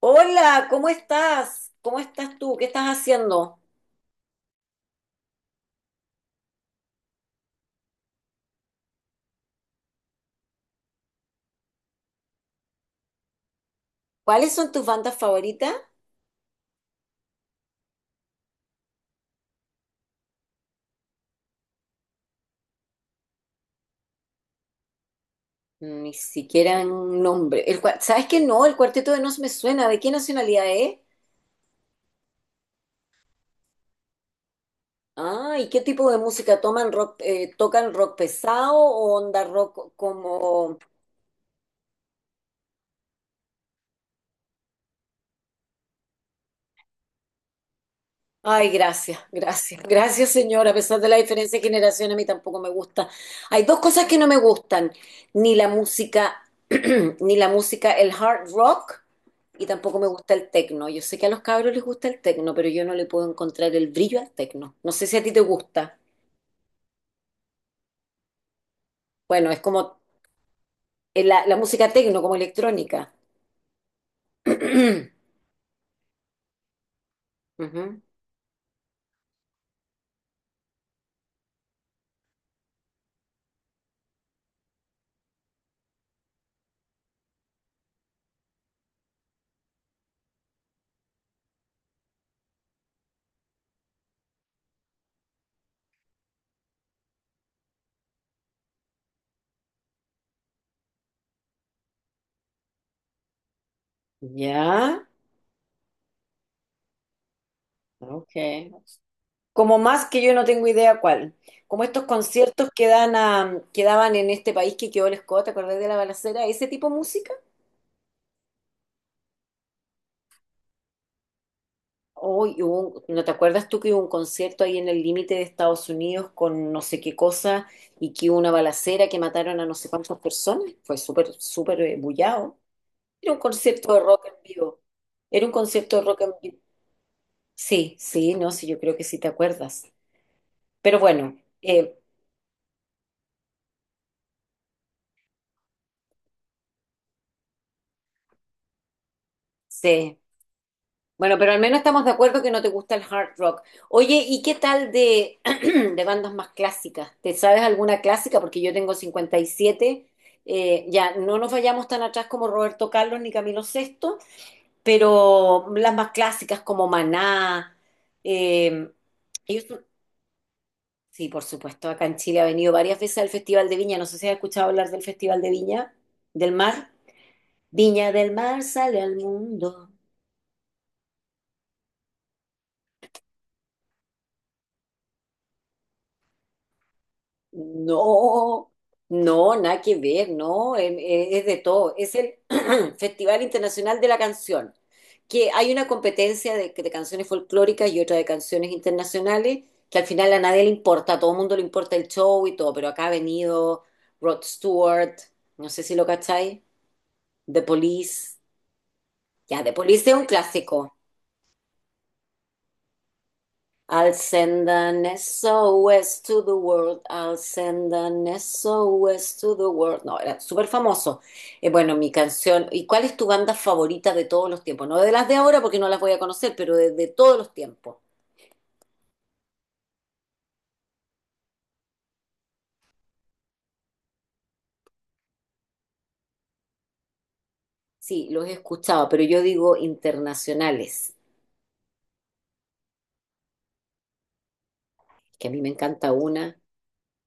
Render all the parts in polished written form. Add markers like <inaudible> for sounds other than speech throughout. Hola, ¿cómo estás? ¿Cómo estás tú? ¿Qué estás haciendo? ¿Cuáles son tus bandas favoritas? Ni siquiera un nombre. ¿Sabes qué? No, el Cuarteto de Nos me suena. ¿De qué nacionalidad es? Ah, ¿y qué tipo de música toman rock, tocan rock pesado o onda rock como... Ay, gracias, gracias, gracias, señora. A pesar de la diferencia de generación, a mí tampoco me gusta. Hay dos cosas que no me gustan, ni la música, <clears throat> ni la música, el hard rock, y tampoco me gusta el techno. Yo sé que a los cabros les gusta el techno, pero yo no le puedo encontrar el brillo al techno. No sé si a ti te gusta. Bueno, es como la música techno, como electrónica. <clears throat> Ujú. Ya, ok, como más que yo no tengo idea cuál. Como estos conciertos que dan a, que daban en este país que quedó el Scott, ¿te acordás de la balacera? ¿Ese tipo de música? ¿No te acuerdas tú que hubo un concierto ahí en el límite de Estados Unidos con no sé qué cosa y que hubo una balacera que mataron a no sé cuántas personas? Fue súper, súper bullado. Era un concierto de rock en vivo. Era un concierto de rock en vivo. Sí, sí, no, sí, yo creo que sí te acuerdas. Pero bueno, eh, sí. Bueno, pero al menos estamos de acuerdo que no te gusta el hard rock. Oye, ¿y qué tal de, <clears throat> de bandas más clásicas? ¿Te sabes alguna clásica? Porque yo tengo 57. Ya no nos vayamos tan atrás como Roberto Carlos ni Camilo Sesto, pero las más clásicas como Maná. eh, ellos son- sí, por supuesto, acá en Chile ha venido varias veces al Festival de Viña. No sé si has escuchado hablar del Festival de Viña del Mar. Viña del Mar sale al mundo. No, no, nada que ver, no, es, de todo. Es el <clears throat> Festival Internacional de la Canción, que hay una competencia de canciones folclóricas y otra de canciones internacionales, que al final a nadie le importa, a todo el mundo le importa el show y todo, pero acá ha venido Rod Stewart, no sé si lo cacháis, The Police, ya, The Police es un clásico. I'll send an SOS to the world, I'll send an SOS to the world. No, era súper famoso. Bueno, mi canción. ¿Y cuál es tu banda favorita de todos los tiempos? No de las de ahora porque no las voy a conocer, pero de todos los tiempos. Sí, los he escuchado, pero yo digo internacionales, que a mí me encanta una.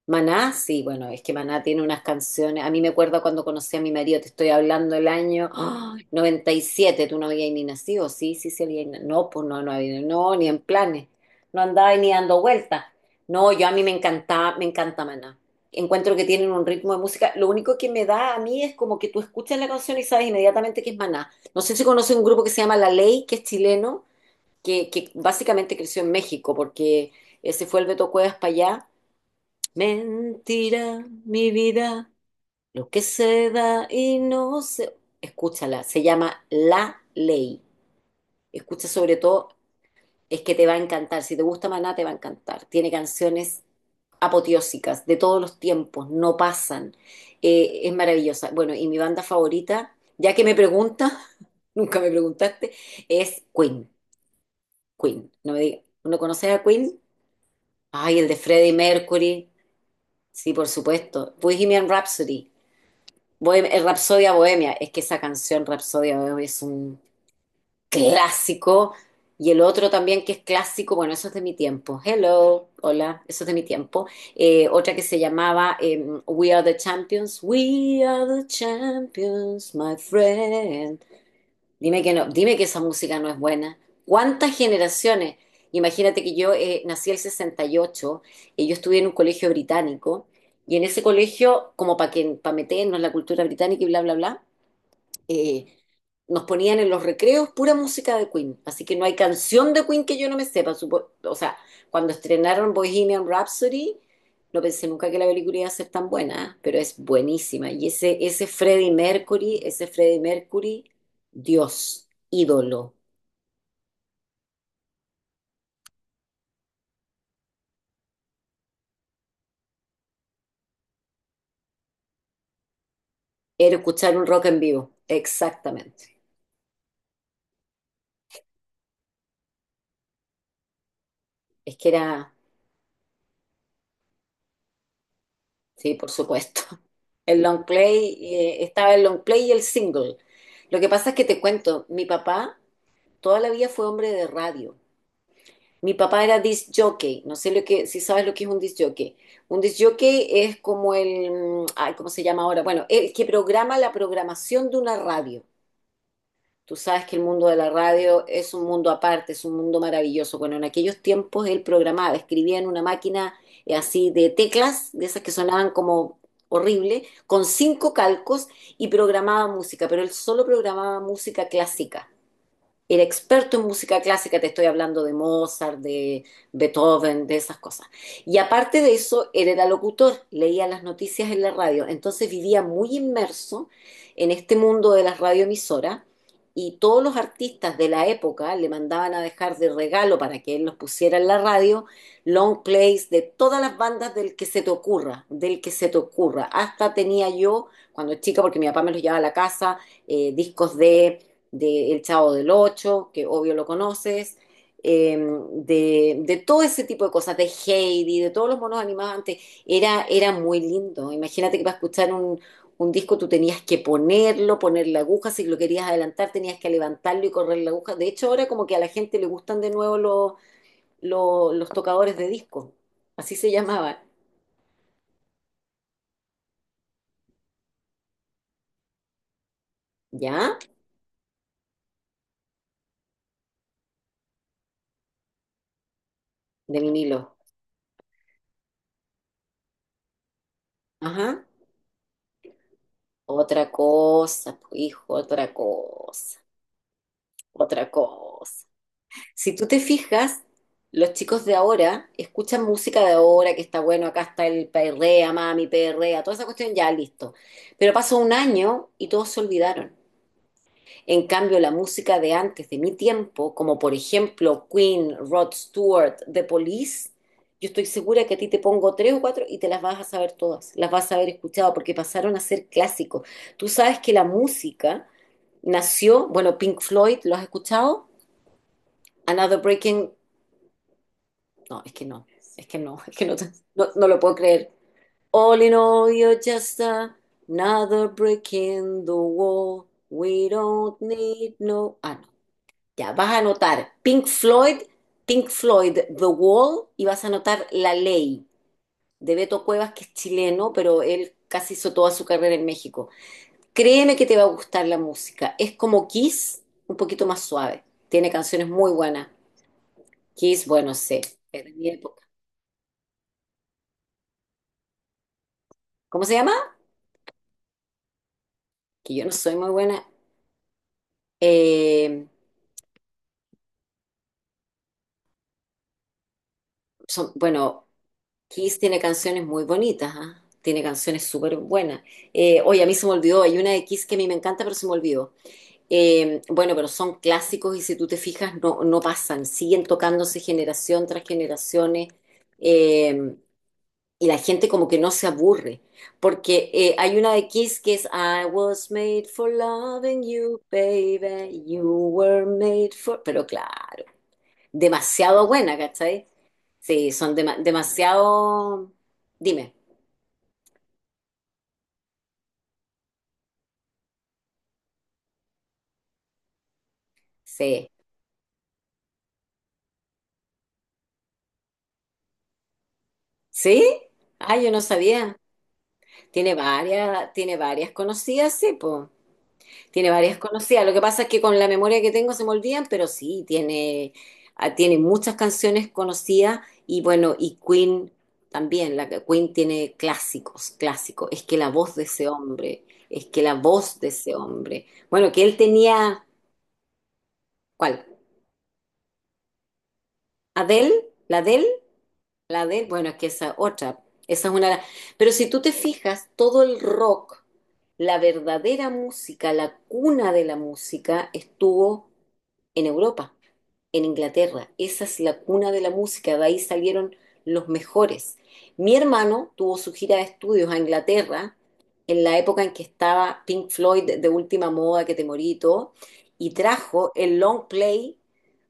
Maná, sí, bueno, es que Maná tiene unas canciones. A mí me acuerdo cuando conocí a mi marido, te estoy hablando el año ¡ah! Noventa y siete, tú no habías ni nacido, sí, sí, sí, había, no, pues no, no había, no, ni en planes, no andaba ni dando vueltas. No, yo a mí me encantaba, me encanta Maná. Encuentro que tienen un ritmo de música. Lo único que me da a mí es como que tú escuchas la canción y sabes inmediatamente que es Maná. No sé si conoces un grupo que se llama La Ley, que es chileno, que básicamente creció en México, porque se fue el Beto Cuevas para allá. Mentira, mi vida, lo que se da y no se... Escúchala, se llama La Ley. Escucha sobre todo, es que te va a encantar. Si te gusta Maná, te va a encantar. Tiene canciones apoteósicas de todos los tiempos, no pasan. Es maravillosa. Bueno, y mi banda favorita, ya que me pregunta, <laughs> nunca me preguntaste, es Queen. Queen. No me digas, ¿no conoces a Queen? Ay, el de Freddie Mercury. Sí, por supuesto. Bohemian Rhapsody. El Rapsodia Bohemia, es que esa canción Rapsodia Bohemia es un clásico. Y el otro también que es clásico, bueno, eso es de mi tiempo. Hello, hola, eso es de mi tiempo. Otra que se llamaba We Are the Champions. We are the champions, my friend. Dime que no, dime que esa música no es buena. ¿Cuántas generaciones? Imagínate que yo nací el 68 y ocho y yo estudié en un colegio británico. Y en ese colegio, como para meternos la cultura británica y bla, bla, bla, eh, nos ponían en los recreos pura música de Queen. Así que no hay canción de Queen que yo no me sepa. O sea, cuando estrenaron Bohemian Rhapsody, no pensé nunca que la película iba a ser tan buena, ¿eh? Pero es buenísima. Y ese Freddie Mercury, ese Freddie Mercury, Dios, ídolo. Era escuchar un rock en vivo. Exactamente. Es que era, sí, por supuesto. <laughs> El long play, estaba el long play y el single. Lo que pasa es que te cuento, mi papá toda la vida fue hombre de radio. Mi papá era disc jockey, si sabes lo que es un disc jockey. Un disc jockey es como el, ay, ¿cómo se llama ahora? Bueno, el que programa la programación de una radio. Tú sabes que el mundo de la radio es un mundo aparte, es un mundo maravilloso. Bueno, en aquellos tiempos él programaba, escribía en una máquina así de teclas, de esas que sonaban como horrible, con cinco calcos, y programaba música, pero él solo programaba música clásica, era experto en música clásica, te estoy hablando de Mozart, de Beethoven, de esas cosas. Y aparte de eso, él era locutor, leía las noticias en la radio, entonces vivía muy inmerso en este mundo de las radioemisoras y todos los artistas de la época le mandaban a dejar de regalo para que él los pusiera en la radio, long plays de todas las bandas del que se te ocurra, del que se te ocurra. Hasta tenía yo, cuando chica, porque mi papá me los llevaba a la casa, discos de El Chavo del Ocho, que obvio lo conoces, eh, de todo ese tipo de cosas, de Heidi, de todos los monos animados antes, era, era muy lindo. Imagínate que para escuchar un disco tú tenías que ponerlo, poner la aguja, si lo querías adelantar tenías que levantarlo y correr la aguja. De hecho, ahora como que a la gente le gustan de nuevo los tocadores de disco, así se llamaban, ¿ya? De vinilo. Ajá. Otra cosa, pues, hijo, otra cosa, otra cosa. Si tú te fijas, los chicos de ahora escuchan música de ahora, que está bueno, acá está el perrea, mami, perrea, toda esa cuestión, ya listo. Pero pasó un año y todos se olvidaron. En cambio, la música de antes, de mi tiempo, como por ejemplo Queen, Rod Stewart, The Police, yo estoy segura que a ti te pongo tres o cuatro y te las vas a saber todas, las vas a haber escuchado porque pasaron a ser clásicos. Tú sabes que la música nació, bueno, Pink Floyd, ¿lo has escuchado? Another Breaking... No, es que no, es que no, <laughs> es que no, no, no lo puedo creer. All in all, you're just another brick in the wall. We don't need no. Ah, no. Ya, vas a anotar Pink Floyd, Pink Floyd, The Wall, y vas a anotar La Ley de Beto Cuevas, que es chileno, pero él casi hizo toda su carrera en México. Créeme que te va a gustar la música. Es como Kiss, un poquito más suave. Tiene canciones muy buenas. Kiss, bueno, sé, es de mi época. ¿Cómo se llama? Que yo no soy muy buena. eh, bueno, Kiss tiene canciones muy bonitas, ¿ah? Tiene canciones súper buenas. Oye, a mí se me olvidó, hay una de Kiss que a mí me encanta, pero se me olvidó. Bueno, pero son clásicos y si tú te fijas, no, no pasan, siguen tocándose generación tras generaciones, eh, y la gente como que no se aburre, porque hay una de Kiss que es I was made for loving you, baby, you were made for... Pero claro. Demasiado buena, ¿cachai? Sí, son demasiado... Dime, sí. ¿Sí? Ah, yo no sabía. Tiene varias conocidas, sí, pues. Tiene varias conocidas. Lo que pasa es que con la memoria que tengo se me olvidan, pero sí, tiene, ah, tiene muchas canciones conocidas y bueno, y Queen también. La Queen tiene clásicos, clásicos. Es que la voz de ese hombre, es que la voz de ese hombre. Bueno, que él tenía, ¿cuál? ¿Adele? ¿La Adele? La de, bueno, es que esa otra, esa es una... Pero si tú te fijas, todo el rock, la verdadera música, la cuna de la música, estuvo en Europa, en Inglaterra. Esa es la cuna de la música, de ahí salieron los mejores. Mi hermano tuvo su gira de estudios a Inglaterra en la época en que estaba Pink Floyd de última moda, que te morí y todo, y trajo el long play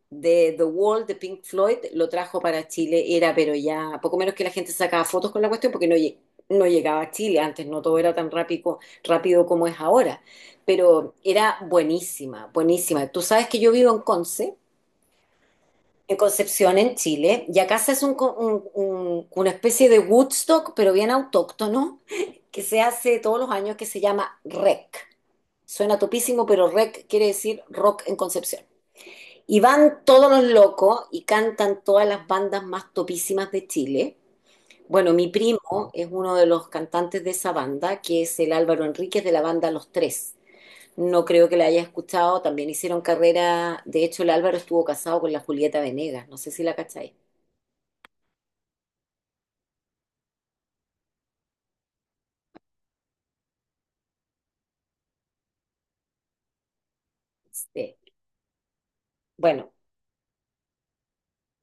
de The Wall de Pink Floyd, lo trajo para Chile, era pero ya poco menos que la gente sacaba fotos con la cuestión porque no, no llegaba a Chile, antes no todo era tan rápido, rápido como es ahora, pero era buenísima, buenísima. Tú sabes que yo vivo en Conce, en Concepción, en Chile, y acá se hace un co- un- una especie de Woodstock, pero bien autóctono, <laughs> que se hace todos los años, que se llama REC. Suena topísimo, pero REC quiere decir rock en Concepción. Y van todos los locos y cantan todas las bandas más topísimas de Chile. Bueno, mi primo es uno de los cantantes de esa banda, que es el Álvaro Enríquez de la banda Los Tres. No creo que la haya escuchado, también hicieron carrera. De hecho, el Álvaro estuvo casado con la Julieta Venegas, no sé si la cacháis. Sí. Bueno,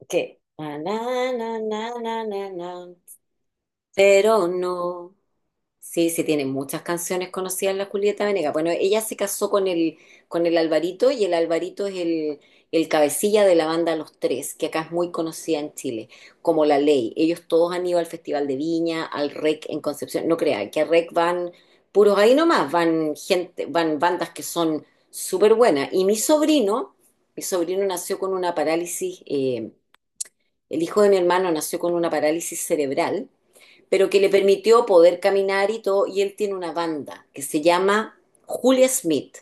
¿qué? Na, na, na, na, na, na, na. Pero no, sí, sí, tiene muchas canciones conocidas la Julieta Venegas. Bueno, ella se casó con el Alvarito, y el Alvarito es el cabecilla de la banda Los Tres, que acá es muy conocida en Chile, como La Ley. Ellos todos han ido al Festival de Viña, al REC en Concepción. No crean que al REC van puros ahí nomás, van gente, van bandas que son súper buenas. Y mi sobrino nació con una parálisis, el hijo de mi hermano nació con una parálisis cerebral pero que le permitió poder caminar y todo. Y él tiene una banda que se llama Julia Smith,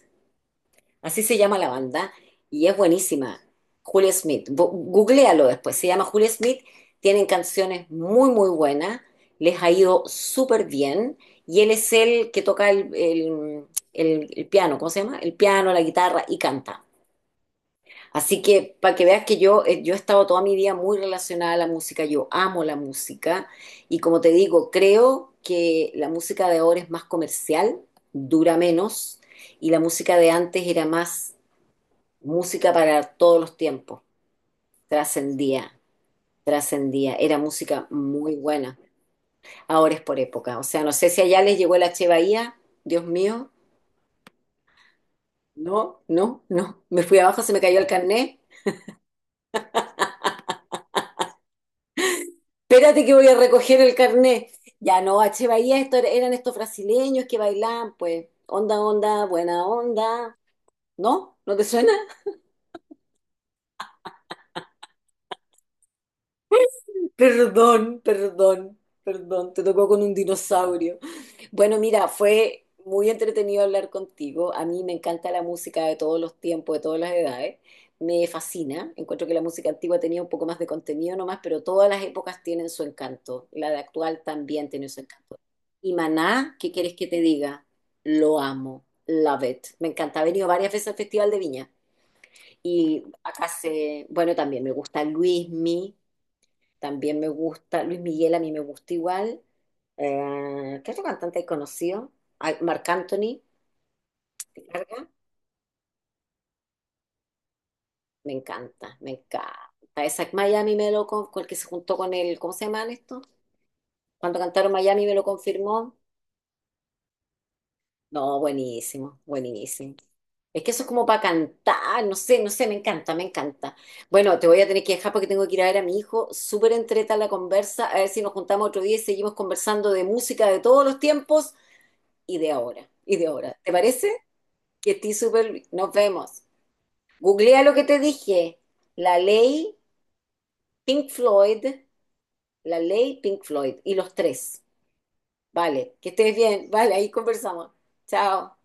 así se llama la banda, y es buenísima. Julia Smith, googlealo después, se llama Julia Smith, tienen canciones muy, muy buenas, les ha ido súper bien, y él es el que toca el piano. ¿Cómo se llama? El piano, la guitarra y canta. Así que para que veas que yo, yo he estado toda mi vida muy relacionada a la música, yo amo la música, y como te digo, creo que la música de ahora es más comercial, dura menos, y la música de antes era más música para todos los tiempos, trascendía, trascendía, era música muy buena, ahora es por época. O sea, no sé si allá les llegó la Che Bahía, Dios mío, no, no, no, me fui abajo, se me cayó el carnet. Espérate que voy a recoger el carnet. Ya no, H. Bahía, esto eran estos brasileños que bailaban, pues, onda, onda, buena onda. ¿No? ¿No te suena? Perdón, perdón, perdón, te tocó con un dinosaurio. Bueno, mira, fue muy entretenido hablar contigo. A mí me encanta la música de todos los tiempos, de todas las edades. Me fascina. Encuentro que la música antigua tenía un poco más de contenido nomás, pero todas las épocas tienen su encanto. La de actual también tiene su encanto. Y Maná, ¿qué quieres que te diga? Lo amo. Love it. Me encanta. He venido varias veces al Festival de Viña. Y acá se, bueno, también me gusta Luismi. También me gusta, Luis Miguel a mí me gusta igual. ¿Qué otro cantante hay conocido? Marc Anthony, ¿te carga? Me encanta, me encanta. Isaac Miami me lo con el que se juntó con él, ¿cómo se llaman estos? Cuando cantaron Miami me lo confirmó. No, buenísimo, buenísimo. Es que eso es como para cantar, no sé, no sé, me encanta, me encanta. Bueno, te voy a tener que dejar porque tengo que ir a ver a mi hijo. Súper entreta la conversa, a ver si nos juntamos otro día y seguimos conversando de música de todos los tiempos y de ahora, y de ahora. ¿Te parece? Que estoy súper... Nos vemos. Googlea lo que te dije. La ley Pink Floyd, la ley Pink Floyd y los tres. Vale, que estés bien. Vale, ahí conversamos. Chao.